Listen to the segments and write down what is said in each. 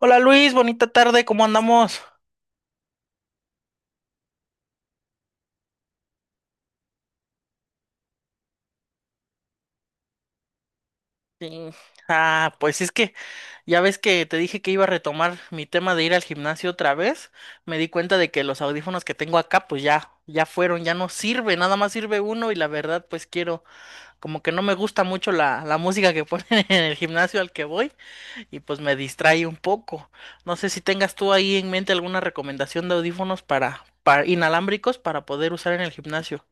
Hola Luis, bonita tarde, ¿cómo andamos? Sí. Pues es que ya ves que te dije que iba a retomar mi tema de ir al gimnasio otra vez. Me di cuenta de que los audífonos que tengo acá, pues ya fueron, ya no sirve, nada más sirve uno y la verdad, pues quiero, como que no me gusta mucho la música que ponen en el gimnasio al que voy y pues me distrae un poco. No sé si tengas tú ahí en mente alguna recomendación de audífonos para inalámbricos para poder usar en el gimnasio.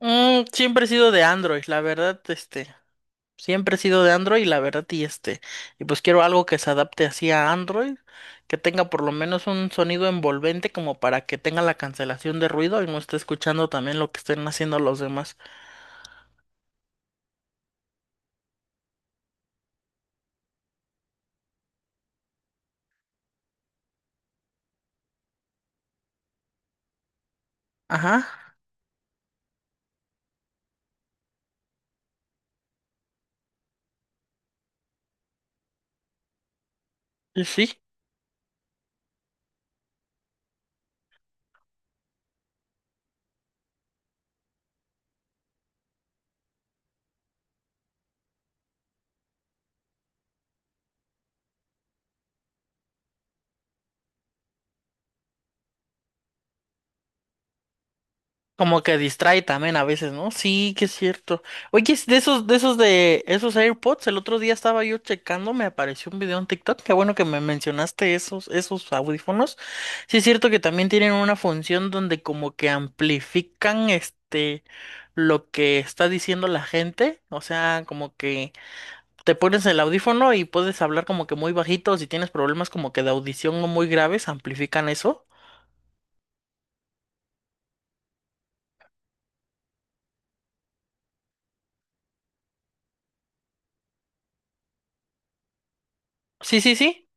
Siempre he sido de Android, la verdad, siempre he sido de Android, la verdad, y este, y pues quiero algo que se adapte así a Android, que tenga por lo menos un sonido envolvente como para que tenga la cancelación de ruido y no esté escuchando también lo que estén haciendo los demás. Ajá, y sí. Como que distrae también a veces, ¿no? Sí, que es cierto. Oye, es de esos, de esos AirPods, el otro día estaba yo checando, me apareció un video en TikTok. Qué bueno que me mencionaste esos, esos audífonos. Sí, es cierto que también tienen una función donde como que amplifican lo que está diciendo la gente. O sea, como que te pones el audífono y puedes hablar como que muy bajito. Si tienes problemas como que de audición no muy graves, amplifican eso. Sí, sí, sí.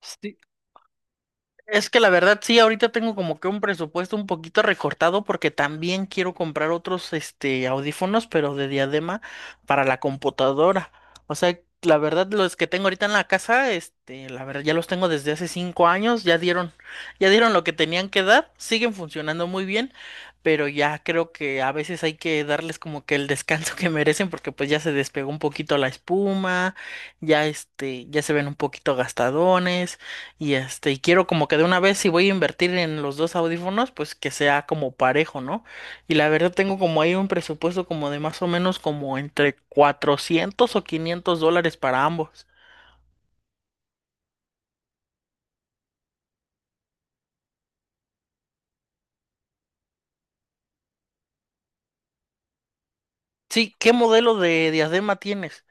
Sí, es que la verdad sí, ahorita tengo como que un presupuesto un poquito recortado porque también quiero comprar otros audífonos, pero de diadema para la computadora. O sea, la verdad los que tengo ahorita en la casa, la verdad ya los tengo desde hace 5 años, ya dieron lo que tenían que dar, siguen funcionando muy bien, pero ya creo que a veces hay que darles como que el descanso que merecen porque pues ya se despegó un poquito la espuma, ya se ven un poquito gastadones. Y quiero como que de una vez si voy a invertir en los dos audífonos, pues que sea como parejo, ¿no? Y la verdad tengo como ahí un presupuesto como de más o menos como entre $400 o $500 para ambos. Sí, ¿qué modelo de diadema tienes?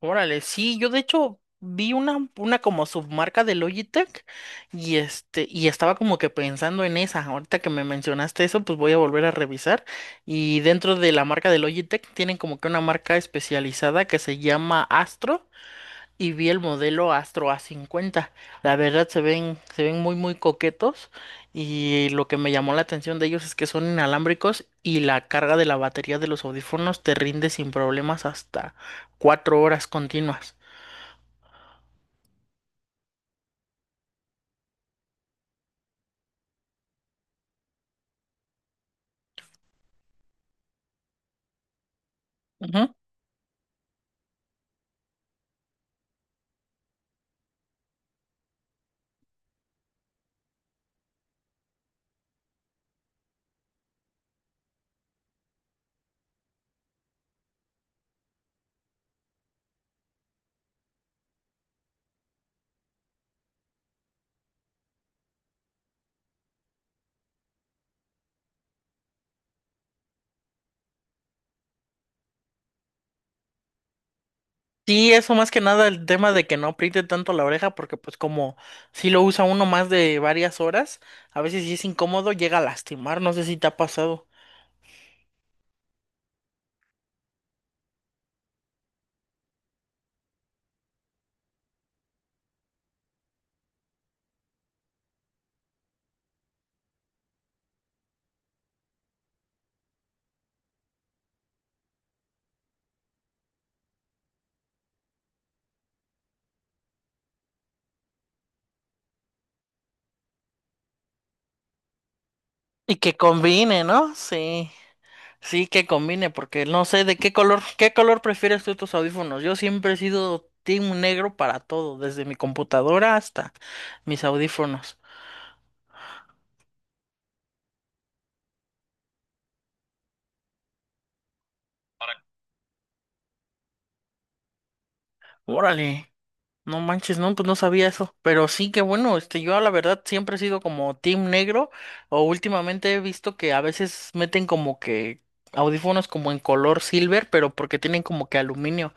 Órale, sí, yo de hecho vi una como submarca de Logitech y estaba como que pensando en esa. Ahorita que me mencionaste eso, pues voy a volver a revisar. Y dentro de la marca de Logitech tienen como que una marca especializada que se llama Astro, y vi el modelo Astro A50. La verdad se ven muy muy coquetos y lo que me llamó la atención de ellos es que son inalámbricos y la carga de la batería de los audífonos te rinde sin problemas hasta 4 horas continuas. Ujú. Sí, eso más que nada el tema de que no apriete tanto la oreja porque pues como si lo usa uno más de varias horas, a veces si es incómodo llega a lastimar, no sé si te ha pasado. Y que combine, ¿no? Sí. Sí, que combine, porque no sé de qué color prefieres tú tus audífonos. Yo siempre he sido team negro para todo, desde mi computadora hasta mis audífonos. Órale, no manches, no, pues no sabía eso. Pero sí que bueno, yo la verdad siempre he sido como team negro, o últimamente he visto que a veces meten como que audífonos como en color silver, pero porque tienen como que aluminio.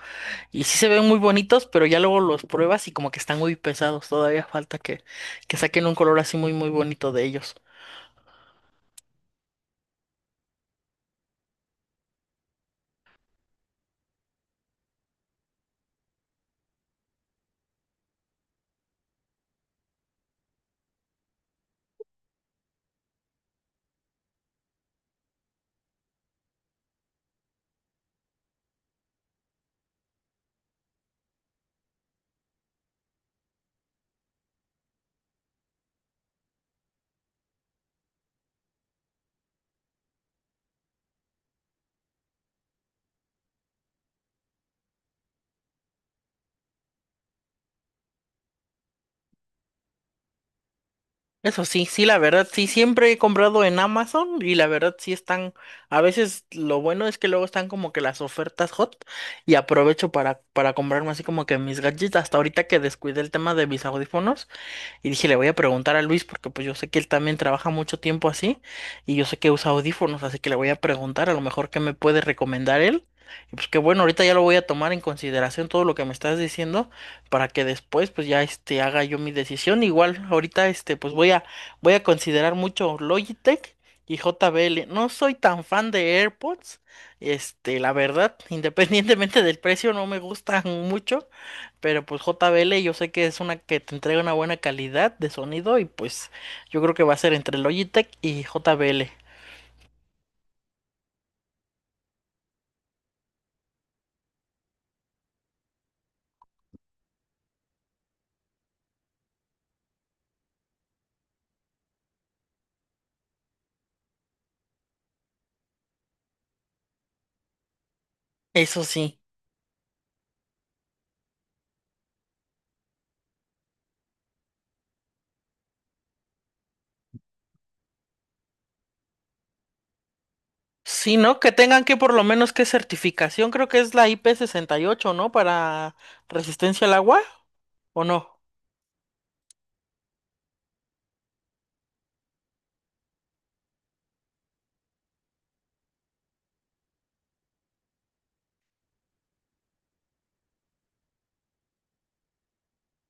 Y sí se ven muy bonitos, pero ya luego los pruebas y como que están muy pesados. Todavía falta que saquen un color así muy, muy bonito de ellos. Eso sí, sí, la verdad, sí, siempre he comprado en Amazon y la verdad sí están, a veces lo bueno es que luego están como que las ofertas hot y aprovecho para comprarme así como que mis gadgets, hasta ahorita que descuidé el tema de mis audífonos. Y dije, le voy a preguntar a Luis porque pues yo sé que él también trabaja mucho tiempo así y yo sé que usa audífonos, así que le voy a preguntar a lo mejor qué me puede recomendar él. Y pues que bueno, ahorita ya lo voy a tomar en consideración todo lo que me estás diciendo para que después pues ya haga yo mi decisión. Igual ahorita pues voy a considerar mucho Logitech y JBL. No soy tan fan de AirPods. La verdad, independientemente del precio, no me gustan mucho. Pero pues JBL yo sé que es una que te entrega una buena calidad de sonido y pues yo creo que va a ser entre Logitech y JBL. Eso sí. Sí, ¿no? Que tengan que por lo menos que certificación, creo que es la IP68, ¿no? Para resistencia al agua, ¿o no?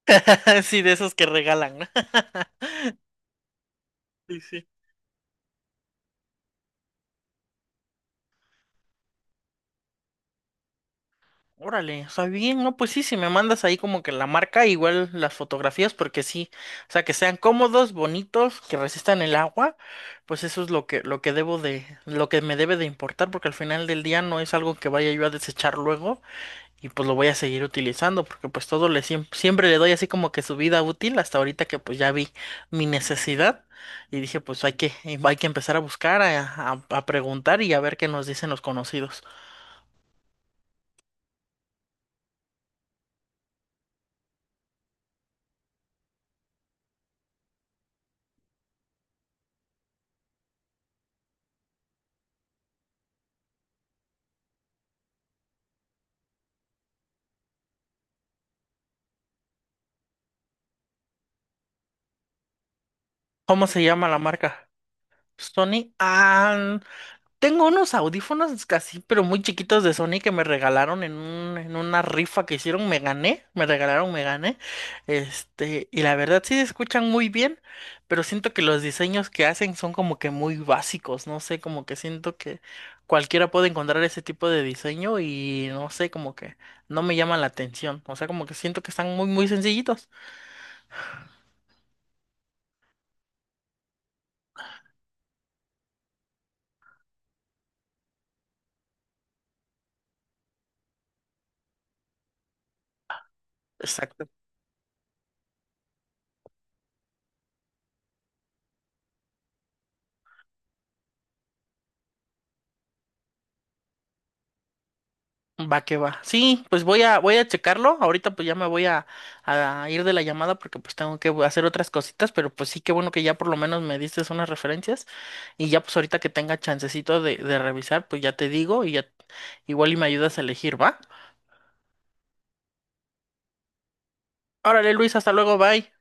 Sí, de esos que regalan. ¿No? Sí, sí. Órale, o sea, bien, no, pues sí, si me mandas ahí como que la marca, igual las fotografías, porque sí, o sea, que sean cómodos, bonitos, que resistan el agua, pues eso es lo lo que debo de, lo que me debe de importar, porque al final del día no es algo que vaya yo a desechar luego, y pues lo voy a seguir utilizando, porque pues todo le siempre le doy así como que su vida útil, hasta ahorita que pues ya vi mi necesidad, y dije, pues hay hay que empezar a buscar, a preguntar y a ver qué nos dicen los conocidos. ¿Cómo se llama la marca? Sony, ah, tengo unos audífonos casi, pero muy chiquitos de Sony que me regalaron en en una rifa que hicieron, me gané, y la verdad sí se escuchan muy bien, pero siento que los diseños que hacen son como que muy básicos, no sé, como que siento que cualquiera puede encontrar ese tipo de diseño y no sé, como que no me llama la atención, o sea, como que siento que están muy, muy sencillitos. Va que va. Sí, pues voy a checarlo. Ahorita pues ya a ir de la llamada porque pues tengo que hacer otras cositas, pero pues sí, qué bueno que ya por lo menos me diste unas referencias y ya pues ahorita que tenga chancecito de revisar, pues ya te digo y ya igual y me ayudas a elegir, ¿va? Órale, Luis, hasta luego, bye.